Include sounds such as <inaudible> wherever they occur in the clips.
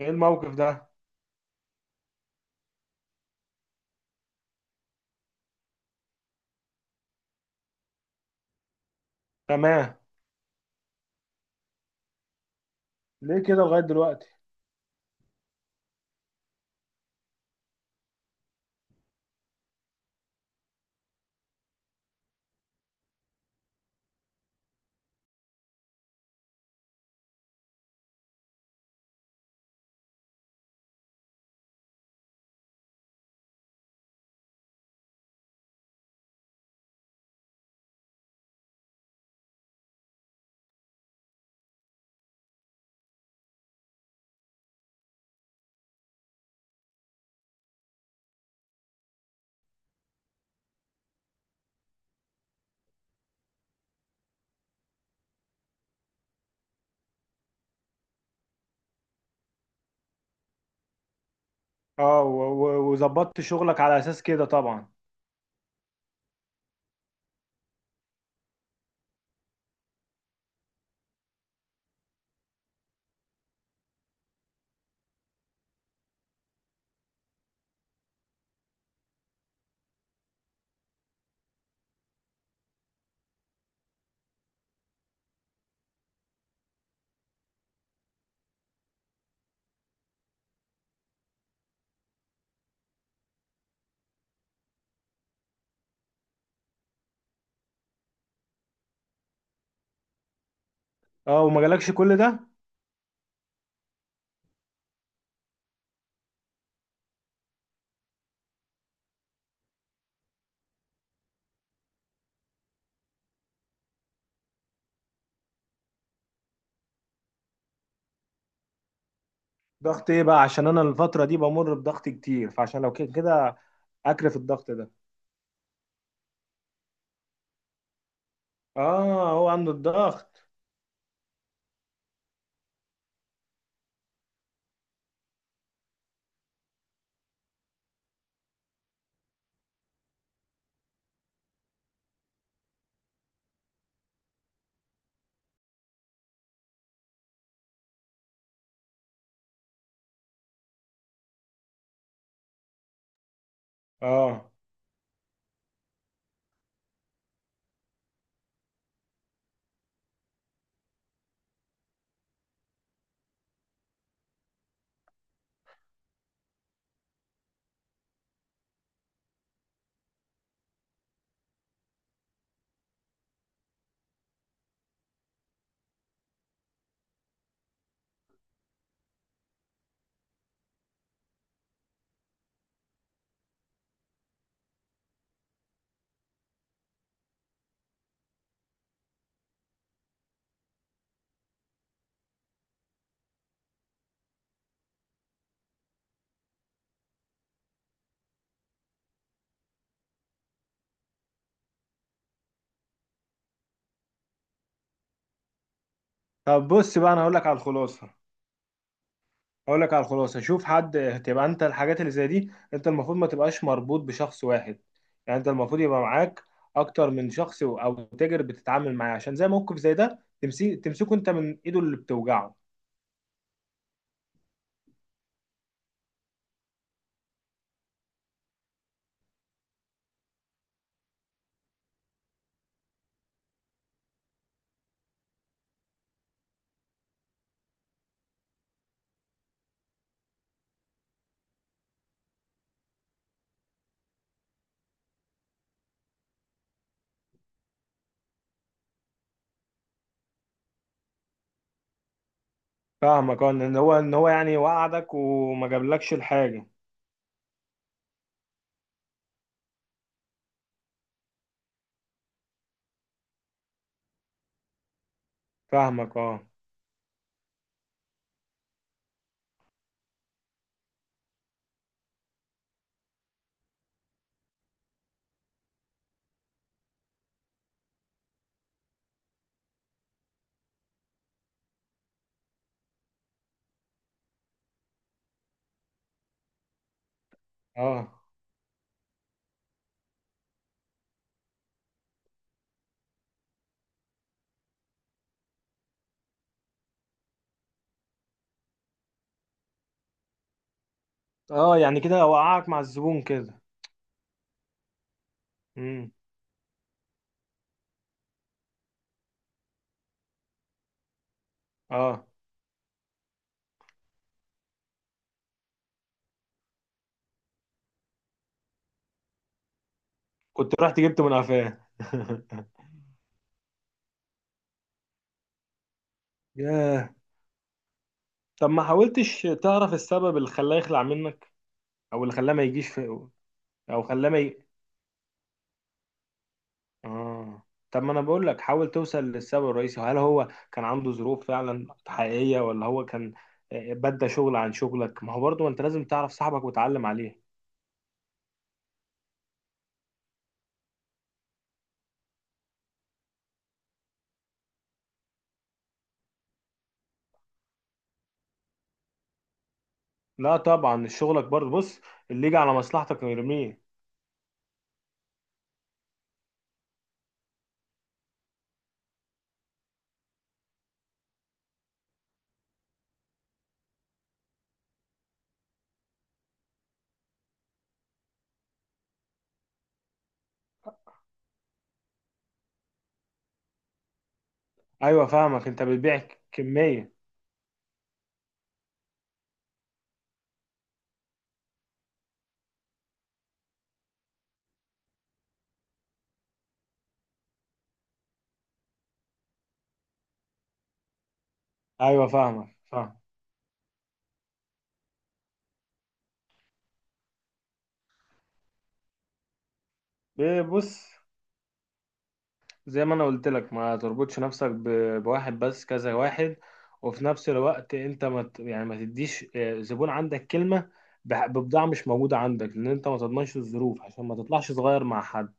ايه الموقف ده؟ تمام. ليه كده لغاية دلوقتي؟ اه، وظبطت شغلك على اساس كده طبعا. اه، وما جالكش كل ده؟ ضغط ايه بقى؟ عشان انا الفترة دي بمر بضغط كتير، فعشان لو كده كده اكرف الضغط ده. اه، هو عنده الضغط. اه، طب بص بقى، انا هقول لك على الخلاصة. اقول لك على الخلاصه، شوف حد تبقى انت. الحاجات اللي زي دي انت المفروض ما تبقاش مربوط بشخص واحد. يعني انت المفروض يبقى معاك اكتر من شخص، او تاجر بتتعامل معاه، عشان زي موقف زي ده تمسكه انت من ايده اللي بتوجعه. فاهمك. اه، ان هو يعني وقعدك وما جابلكش الحاجه. فاهمك. اه اه اه، يعني كده وقعك مع الزبون كده. امم. اه، كنت رحت جبته من قفاه <laughs> ياه. طب ما حاولتش تعرف السبب اللي خلاه يخلع منك؟ او اللي خلاه ما يجيش في، او خلاه ما ي... اه، طب ما انا بقول لك، حاول توصل للسبب الرئيسي. هل هو كان عنده ظروف فعلا حقيقية ولا هو كان بدى شغل عن شغلك؟ ما هو برضه انت لازم تعرف صاحبك وتعلم عليه. لا طبعا، شغلك برضه. بص، اللي يجي على مصلحتك يرميه. ايوه فاهمك، انت بتبيع كمية. ايوه فاهمك فاهم. إيه، بص، زي ما انا قلت لك ما تربطش نفسك بواحد بس، كذا واحد. وفي نفس الوقت انت ما ت- يعني ما تديش زبون عندك كلمة ببضاعة مش موجودة عندك، لان انت ما تضمنش الظروف، عشان ما تطلعش صغير مع حد.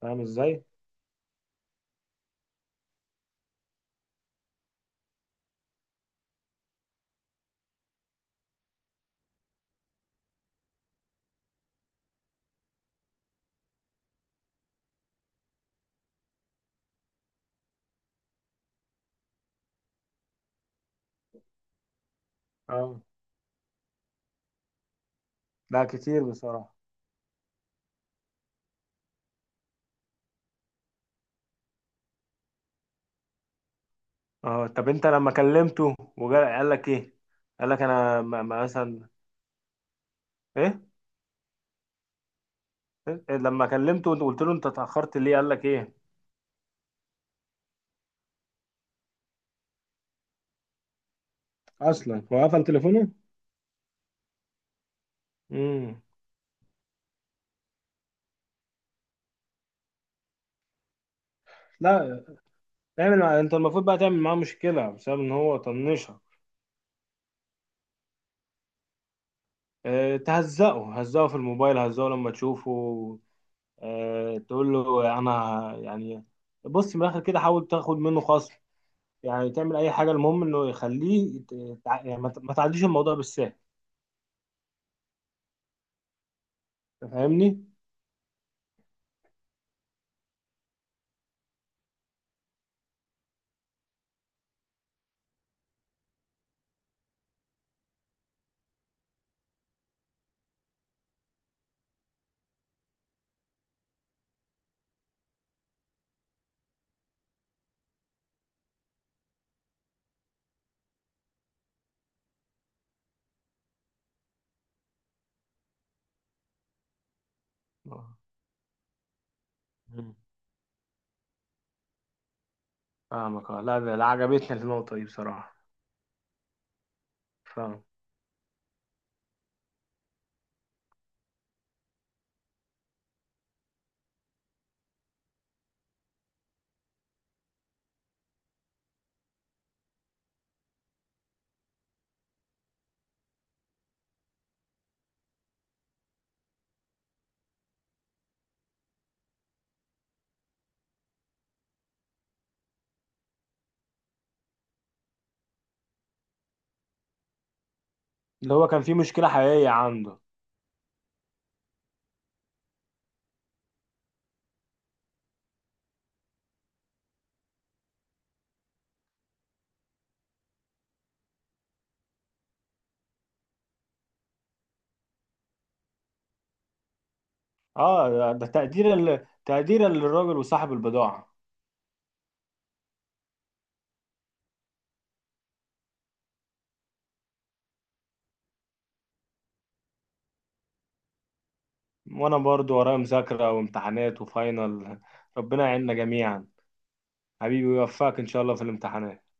فاهم ازاي؟ اه، لا، كتير بصراحة. اه، طب انت لما كلمته وجا قال لك ايه؟ قال لك انا مثلا ايه؟ إيه؟ لما كلمته وقلت له انت اتأخرت ليه، قال لك ايه؟ اصلا هو قفل تليفونه. امم. لا. انت المفروض بقى تعمل معاه مشكلة بسبب ان هو طنشها. اه... تهزقه هزقه في الموبايل، هزقه لما تشوفه. اه... تقول له انا يعني. بص، من الاخر كده حاول تاخد منه خصم. يعني تعمل اي حاجة، المهم انه يخليه يعني ما تعديش الموضوع بالسهل. أنت فاهمني؟ آه. مم. فاهمك آه. لا، ده عجبتني النقطة دي بصراحة. فاهم. اللي هو كان في مشكلة حقيقية عنده. اه، ده تقدير تقدير للراجل وصاحب البضاعة. وانا برضو ورايا مذاكرة وامتحانات وفاينل. ربنا يعيننا جميعا. حبيبي، ويوفقك ان شاء الله في الامتحانات.